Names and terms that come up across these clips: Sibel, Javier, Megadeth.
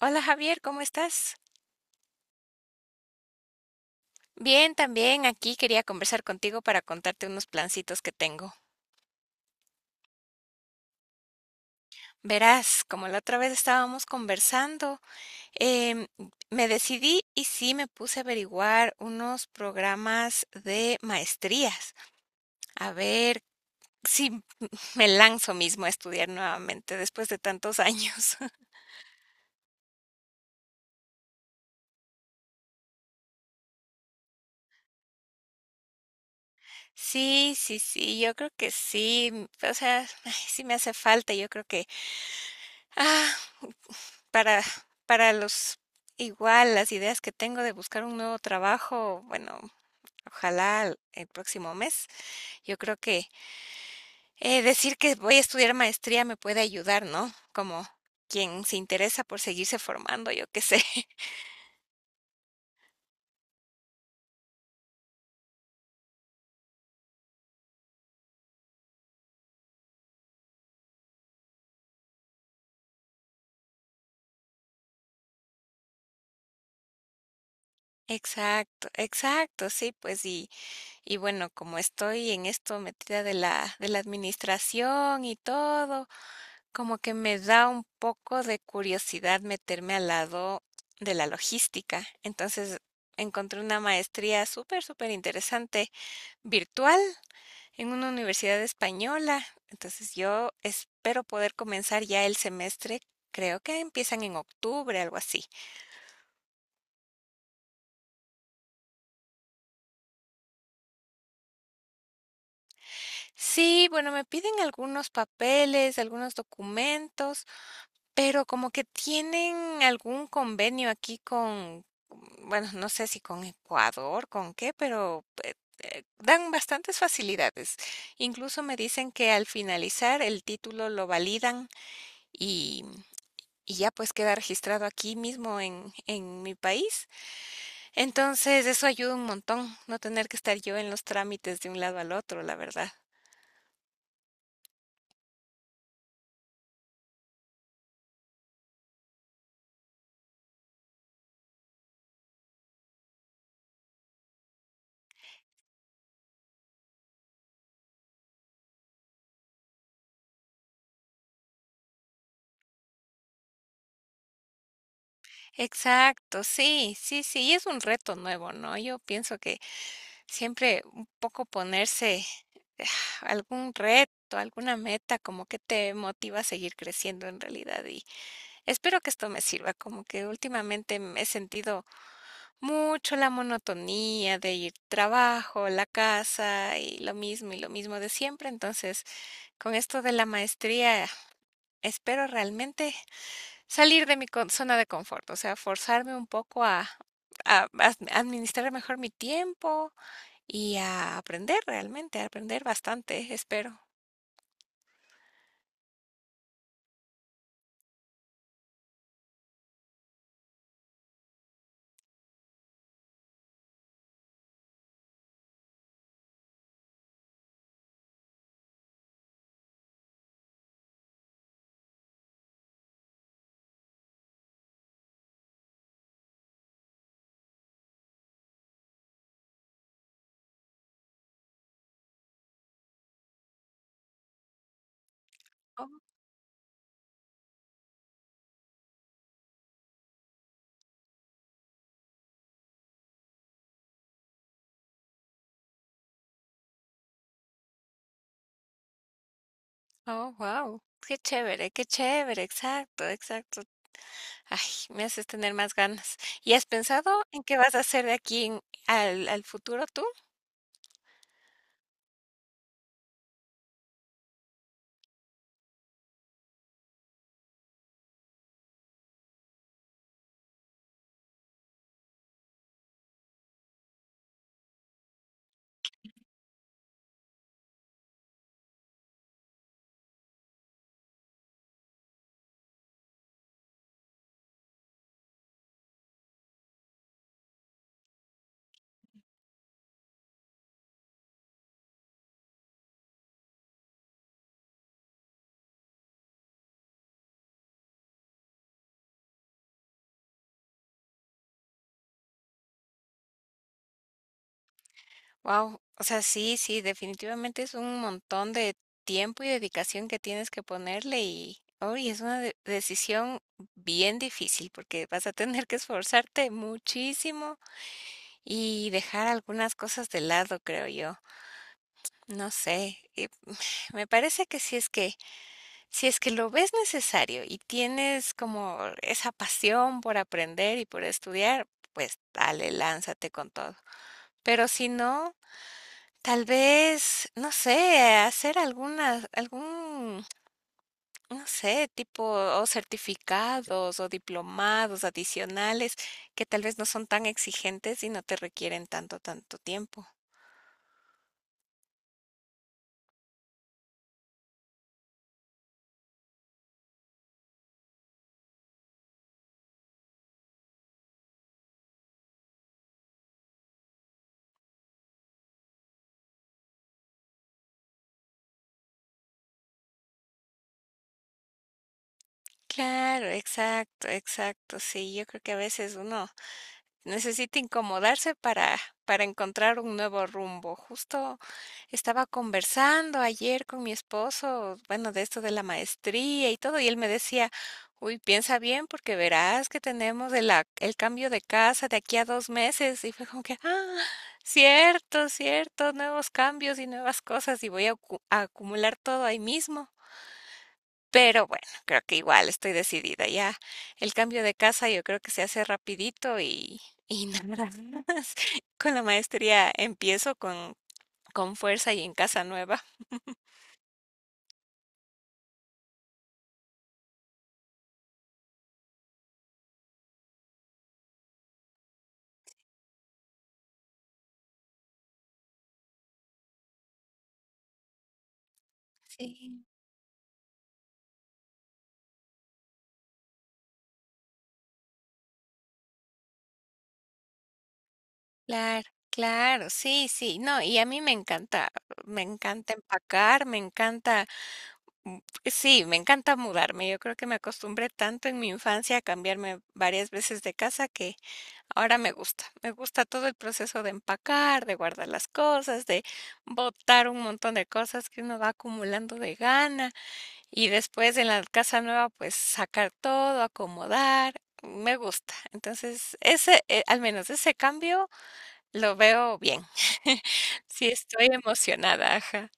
Hola Javier, ¿cómo estás? Bien, también aquí quería conversar contigo para contarte unos plancitos que tengo. Verás, como la otra vez estábamos conversando, em, me decidí y sí me puse a averiguar unos programas de maestrías, a ver si me lanzo mismo a estudiar nuevamente después de tantos años. Sí, sí, sí, yo creo que sí, o sea, ay, sí me hace falta, yo creo que... Ah, Para para los igual las ideas que tengo de buscar un nuevo trabajo, bueno, ojalá el próximo mes. Yo creo que decir que voy a estudiar maestría me puede ayudar, ¿no? Como quien se interesa por seguirse formando, yo qué sé. Exacto, exacto, sí, pues, y bueno, como estoy en esto metida de la administración y todo, como que me da un poco de curiosidad meterme al lado de la logística. Entonces, encontré una maestría súper, súper interesante, virtual, en una universidad española. Entonces, yo espero poder comenzar ya el semestre. Creo que empiezan en octubre, algo así. Sí, bueno, me piden algunos papeles, algunos documentos. Pero como que tienen algún convenio aquí con, bueno, no sé si con Ecuador, con qué, pero dan bastantes facilidades. Incluso me dicen que al finalizar el título lo validan y, y ya pues queda registrado aquí mismo en mi país. Entonces eso ayuda un montón, no tener que estar yo en los trámites de un lado al otro, la verdad. Exacto, sí, sí, sí, y es un reto nuevo, ¿no? Yo pienso que siempre un poco ponerse eh, algún reto, alguna meta, como que te motiva a seguir creciendo en realidad. Y espero que esto me sirva, como que últimamente me he sentido mucho la monotonía de ir trabajo, la casa y lo mismo de siempre. Entonces, con esto de la maestría, espero realmente salir de mi zona de confort, o sea, forzarme un poco a... a administrar mejor mi tiempo, y a aprender realmente, a aprender bastante, espero. Oh, oh, wow. Qué chévere, exacto, exacto. Ay, me haces tener más ganas. ¿Y has pensado en qué vas a hacer de aquí al, al futuro tú? Wow, o sea, sí, sí, definitivamente es un montón de tiempo y dedicación que tienes que ponerle y hoy es una decisión bien difícil porque vas a tener que esforzarte muchísimo y dejar algunas cosas de lado, creo yo. No sé, y me parece que si es que lo ves necesario y tienes como esa pasión por aprender y por estudiar, pues dale, lánzate con todo. Pero si no, tal vez, no sé, hacer algunas algún, no sé, tipo, o certificados o diplomados adicionales que tal vez no son tan exigentes y no te requieren tanto, tanto tiempo. Claro, exacto, exacto. Sí, yo creo que a veces uno necesita incomodarse para encontrar un nuevo rumbo. Justo estaba conversando ayer con mi esposo, bueno, de esto de la maestría y todo, y él me decía, uy, piensa bien porque verás que tenemos el cambio de casa de aquí a dos meses. Y fue como que, ah, cierto, cierto, nuevos cambios y nuevas cosas y voy a acumular todo ahí mismo. Pero bueno, creo que igual estoy decidida ya. El cambio de casa yo creo que se hace rapidito y nada más. Con la maestría empiezo con fuerza y en casa nueva. Sí, claro, claro, sí, sí. No, y a mí me encanta empacar, me encanta, mm, sí, me encanta mudarme. Yo creo que me acostumbré tanto en mi infancia a cambiarme varias veces de casa que ahora me gusta todo el proceso de empacar, de guardar las cosas, de botar un montón de cosas que uno va acumulando de gana y después en la casa nueva pues sacar todo, acomodar, me gusta. Entonces, ese, al menos ese cambio lo veo bien. Sí, estoy emocionada, ajá.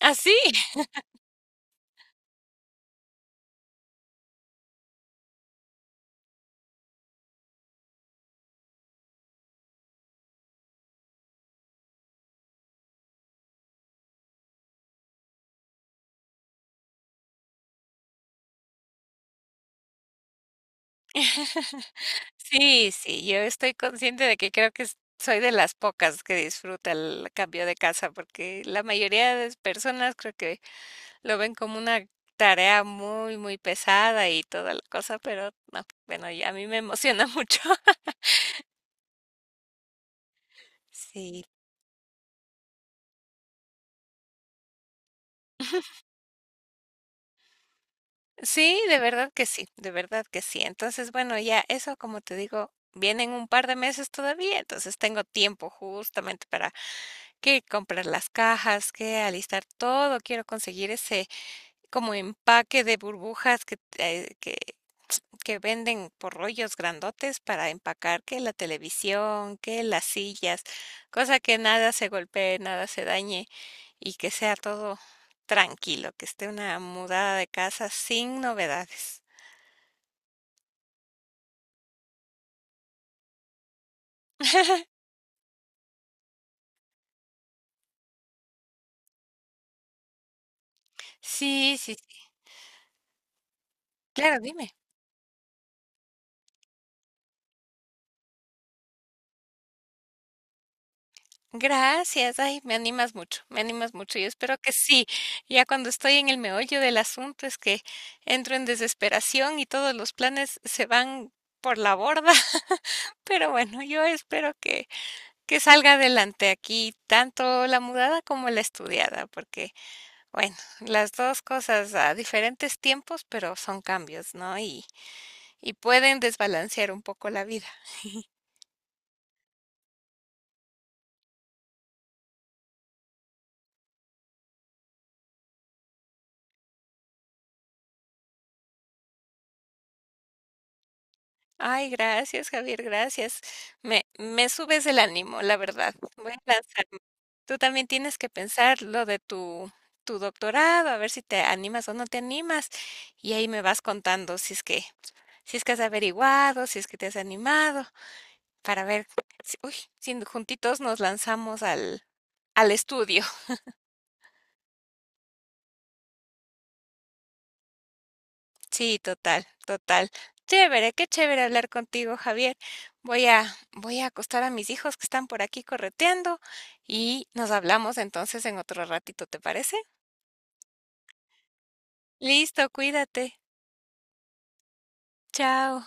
¿Ah, sí? Sí, sí, yo estoy consciente de que creo que soy de las pocas que disfruta el cambio de casa, porque la mayoría de las personas creo que lo ven como una tarea muy, muy pesada y toda la cosa, pero no, bueno, y a mí me emociona mucho. Sí. Sí, de verdad que sí, de verdad que sí. Entonces, bueno, ya eso, como te digo, vienen un par de meses todavía, entonces tengo tiempo justamente para que comprar las cajas, que alistar todo. Quiero conseguir ese como empaque de burbujas que que venden por rollos grandotes para empacar que la televisión, que las sillas, cosa que nada se golpee, nada se dañe y que sea todo tranquilo, que esté una mudada de casa sin novedades. Sí, sí, sí, claro, dime. Gracias, ay, me animas mucho, me animas mucho. Yo espero que sí. Ya cuando estoy en el meollo del asunto es que entro en desesperación y todos los planes se van por la borda. Pero bueno, yo espero que salga adelante aquí tanto la mudada como la estudiada, porque bueno, las dos cosas a diferentes tiempos, pero son cambios, ¿no? Y pueden desbalancear un poco la vida. Ay, gracias, Javier, gracias. Me subes el ánimo, la verdad. Voy a lanzarme. Tú también tienes que pensar lo de tu doctorado, a ver si te animas o no te animas. Y ahí me vas contando si es que has averiguado, si es que te has animado, para ver si, uy, si juntitos nos lanzamos al, al estudio. Sí, total, total. Chévere, qué chévere hablar contigo, Javier. Voy a, voy a acostar a mis hijos que están por aquí correteando y nos hablamos entonces en otro ratito, ¿te parece? Listo, cuídate. Chao.